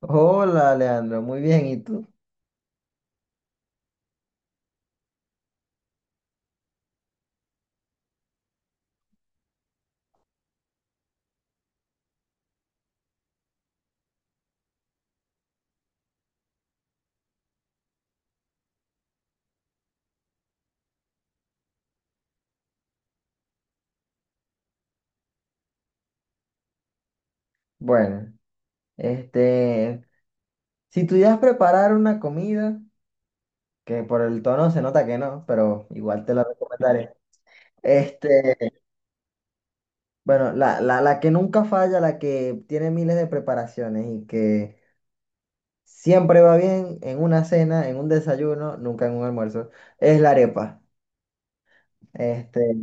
Hola, Leandro, muy bien, ¿y tú? Bueno, este, si pudieras preparar una comida, que por el tono se nota que no, pero igual te la recomendaré. Este, bueno, la que nunca falla, la que tiene miles de preparaciones y que siempre va bien en una cena, en un desayuno, nunca en un almuerzo, es la arepa. Este,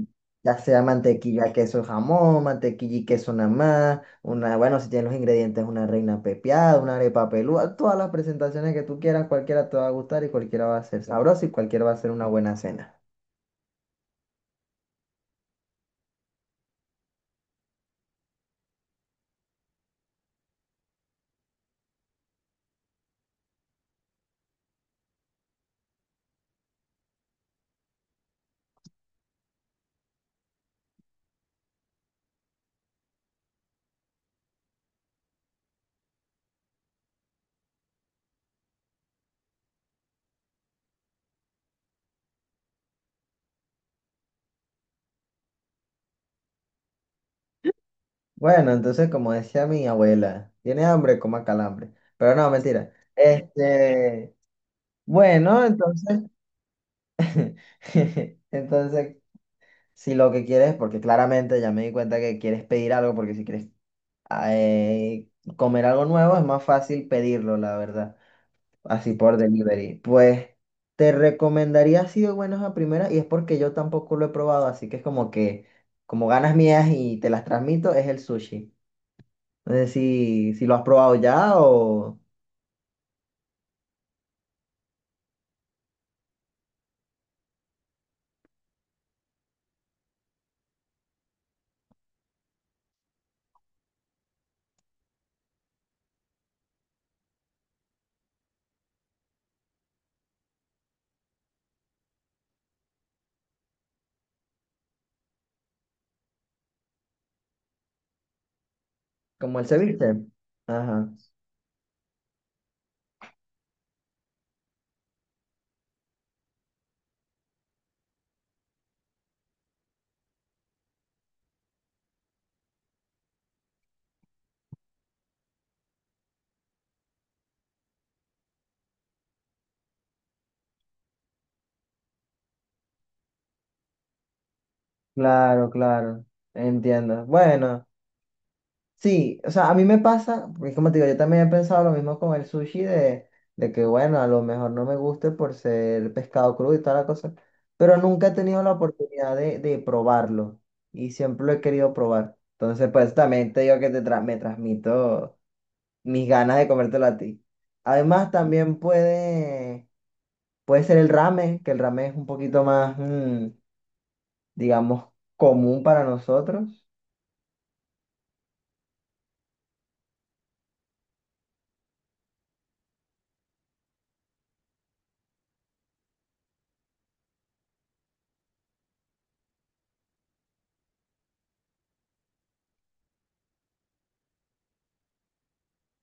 ya sea mantequilla, queso, jamón, mantequilla y queso nada más, una, bueno, si tienes los ingredientes, una reina pepiada, una arepa pelúa, todas las presentaciones que tú quieras, cualquiera te va a gustar y cualquiera va a ser sabroso y cualquiera va a ser una buena cena. Bueno, entonces, como decía mi abuela, tiene hambre, coma calambre. Pero no, mentira. Bueno, entonces, entonces, si lo que quieres, porque claramente ya me di cuenta que quieres pedir algo, porque si quieres ah, eh, comer algo nuevo, es más fácil pedirlo, la verdad, así por delivery. Pues te recomendaría así de buenas a primeras, y es porque yo tampoco lo he probado, así que es como que, como ganas mías y te las transmito, es el sushi. No sé si lo has probado ya o como el ceviche. Ajá, claro, claro, entiendo. Bueno. Sí, o sea, a mí me pasa, porque como te digo, yo también he pensado lo mismo con el sushi de que, bueno, a lo mejor no me guste por ser pescado crudo y toda la cosa, pero nunca he tenido la oportunidad de probarlo y siempre lo he querido probar. Entonces, pues también te digo que me transmito mis ganas de comértelo a ti. Además, también puede ser el ramen, que el ramen es un poquito más, digamos, común para nosotros.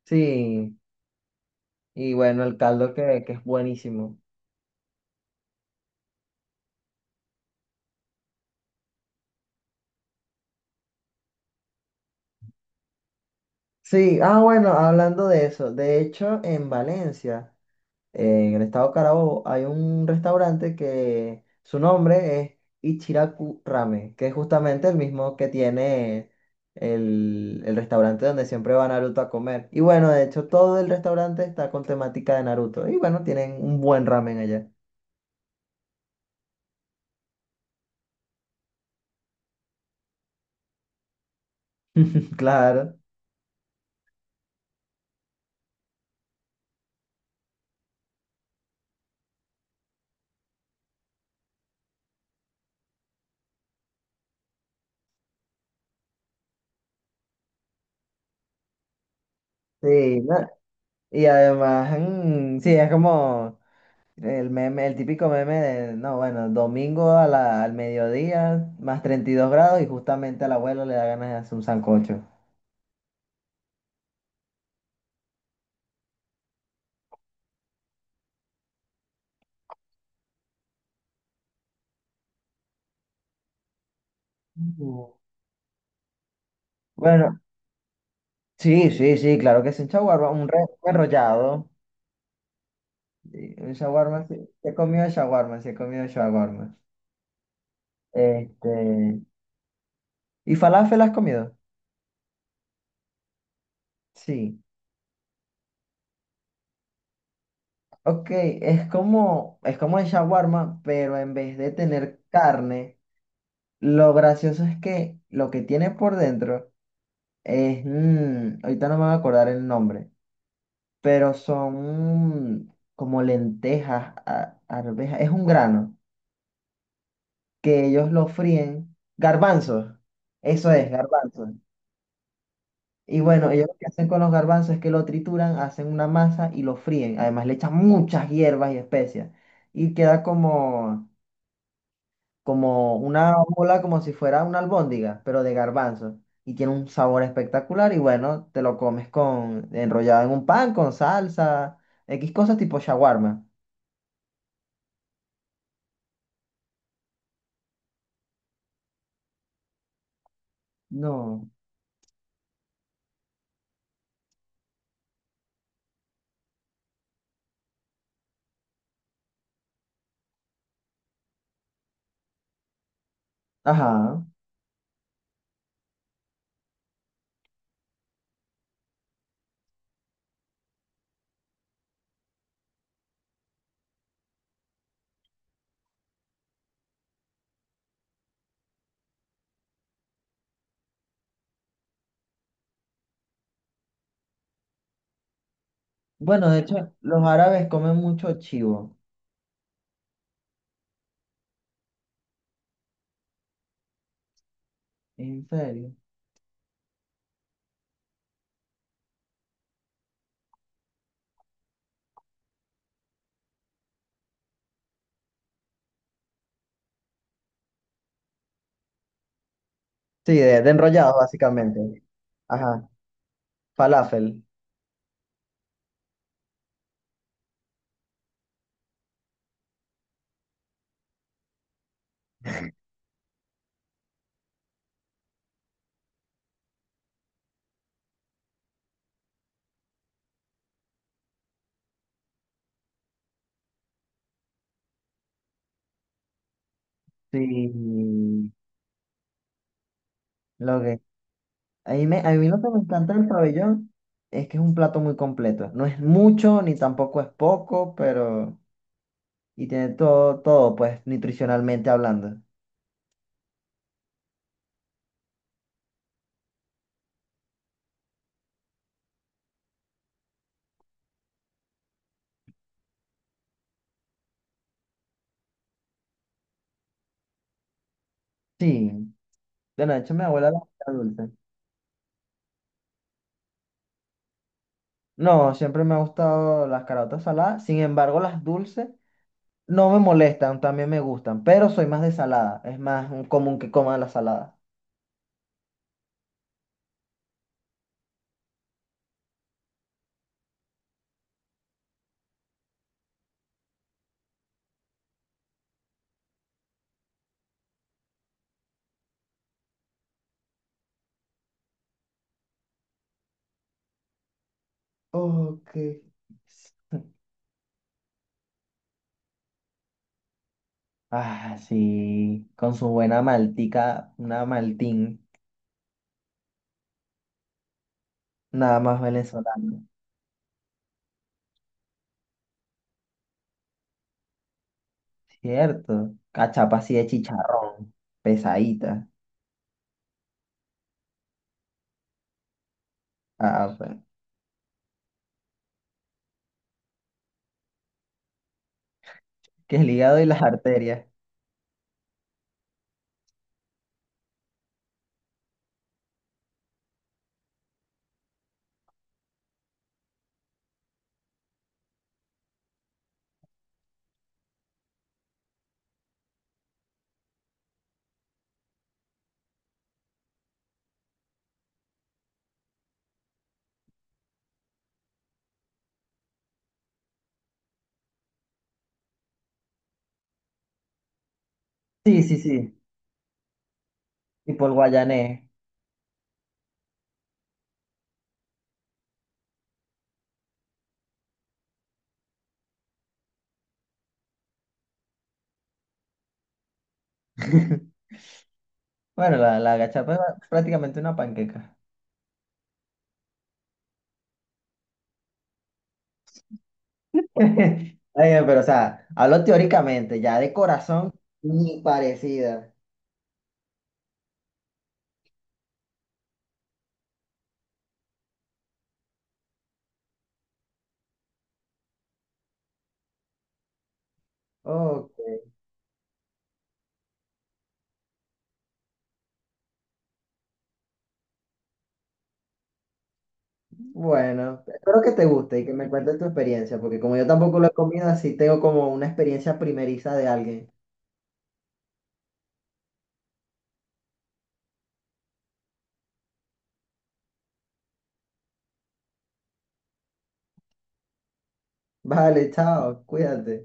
Sí, y bueno, el caldo que es buenísimo. Sí, ah, bueno, hablando de eso, de hecho, en Valencia, en el estado Carabobo, hay un restaurante que su nombre es Ichiraku Ramen, que es justamente el mismo que tiene el restaurante donde siempre va Naruto a comer. Y bueno, de hecho, todo el restaurante está con temática de Naruto. Y bueno, tienen un buen ramen allá. Claro. Sí, ¿no? Y además, mm, sí, es como. El meme, el típico meme de, no, bueno, domingo al mediodía, más 32 grados y justamente al abuelo le da ganas de hacer un sancocho. No. Bueno, sí, sí, sí, claro que es un shawarma, un enrollado. Sí, un shawarma, sí. Sí he comido shawarma, sí he comido shawarma. Este, ¿Y falafel has comido? Sí. Ok, es como el shawarma, pero en vez de tener carne, lo gracioso es que lo que tiene por dentro es, mm, ahorita no me voy a acordar el nombre, pero son mm, como lentejas, arvejas, es un grano que ellos lo fríen, garbanzos, eso es, garbanzos. Y bueno, ellos lo que hacen con los garbanzos es que lo trituran, hacen una masa y lo fríen. Además le echan muchas hierbas y especias. Y queda como, como una bola, como si fuera una albóndiga, pero de garbanzo. Y tiene un sabor espectacular y bueno, te lo comes con enrollado en un pan, con salsa, X cosas tipo shawarma. No. Ajá. Bueno, de hecho, los árabes comen mucho chivo. ¿En serio? Sí, de enrollado, básicamente. Ajá. Falafel. Sí. Lo que... A mí, a mí lo que me encanta del pabellón es que es un plato muy completo. No es mucho, ni tampoco es poco, pero... y tiene todo, todo, pues, nutricionalmente hablando. Sí, bueno, de hecho mi abuela las hacía dulces. No, siempre me ha gustado las caraotas saladas, sin embargo las dulces no me molestan, también me gustan, pero soy más de salada, es más común que coma la salada. Ok. Ah, sí, con su buena maltica, una maltín, nada más venezolano, cierto. Cachapa así de chicharrón, pesadita. Ah, pues, que el hígado y las arterias. Sí, sí, sí. Y por guayanés. Bueno, la gachapa es prácticamente una panqueca. Está pero o sea, hablo teóricamente, ya de corazón, ni parecida. Ok, bueno, espero que te guste y que me cuentes tu experiencia, porque como yo tampoco lo he comido, así tengo como una experiencia primeriza de alguien. Vale, chao, cuídate.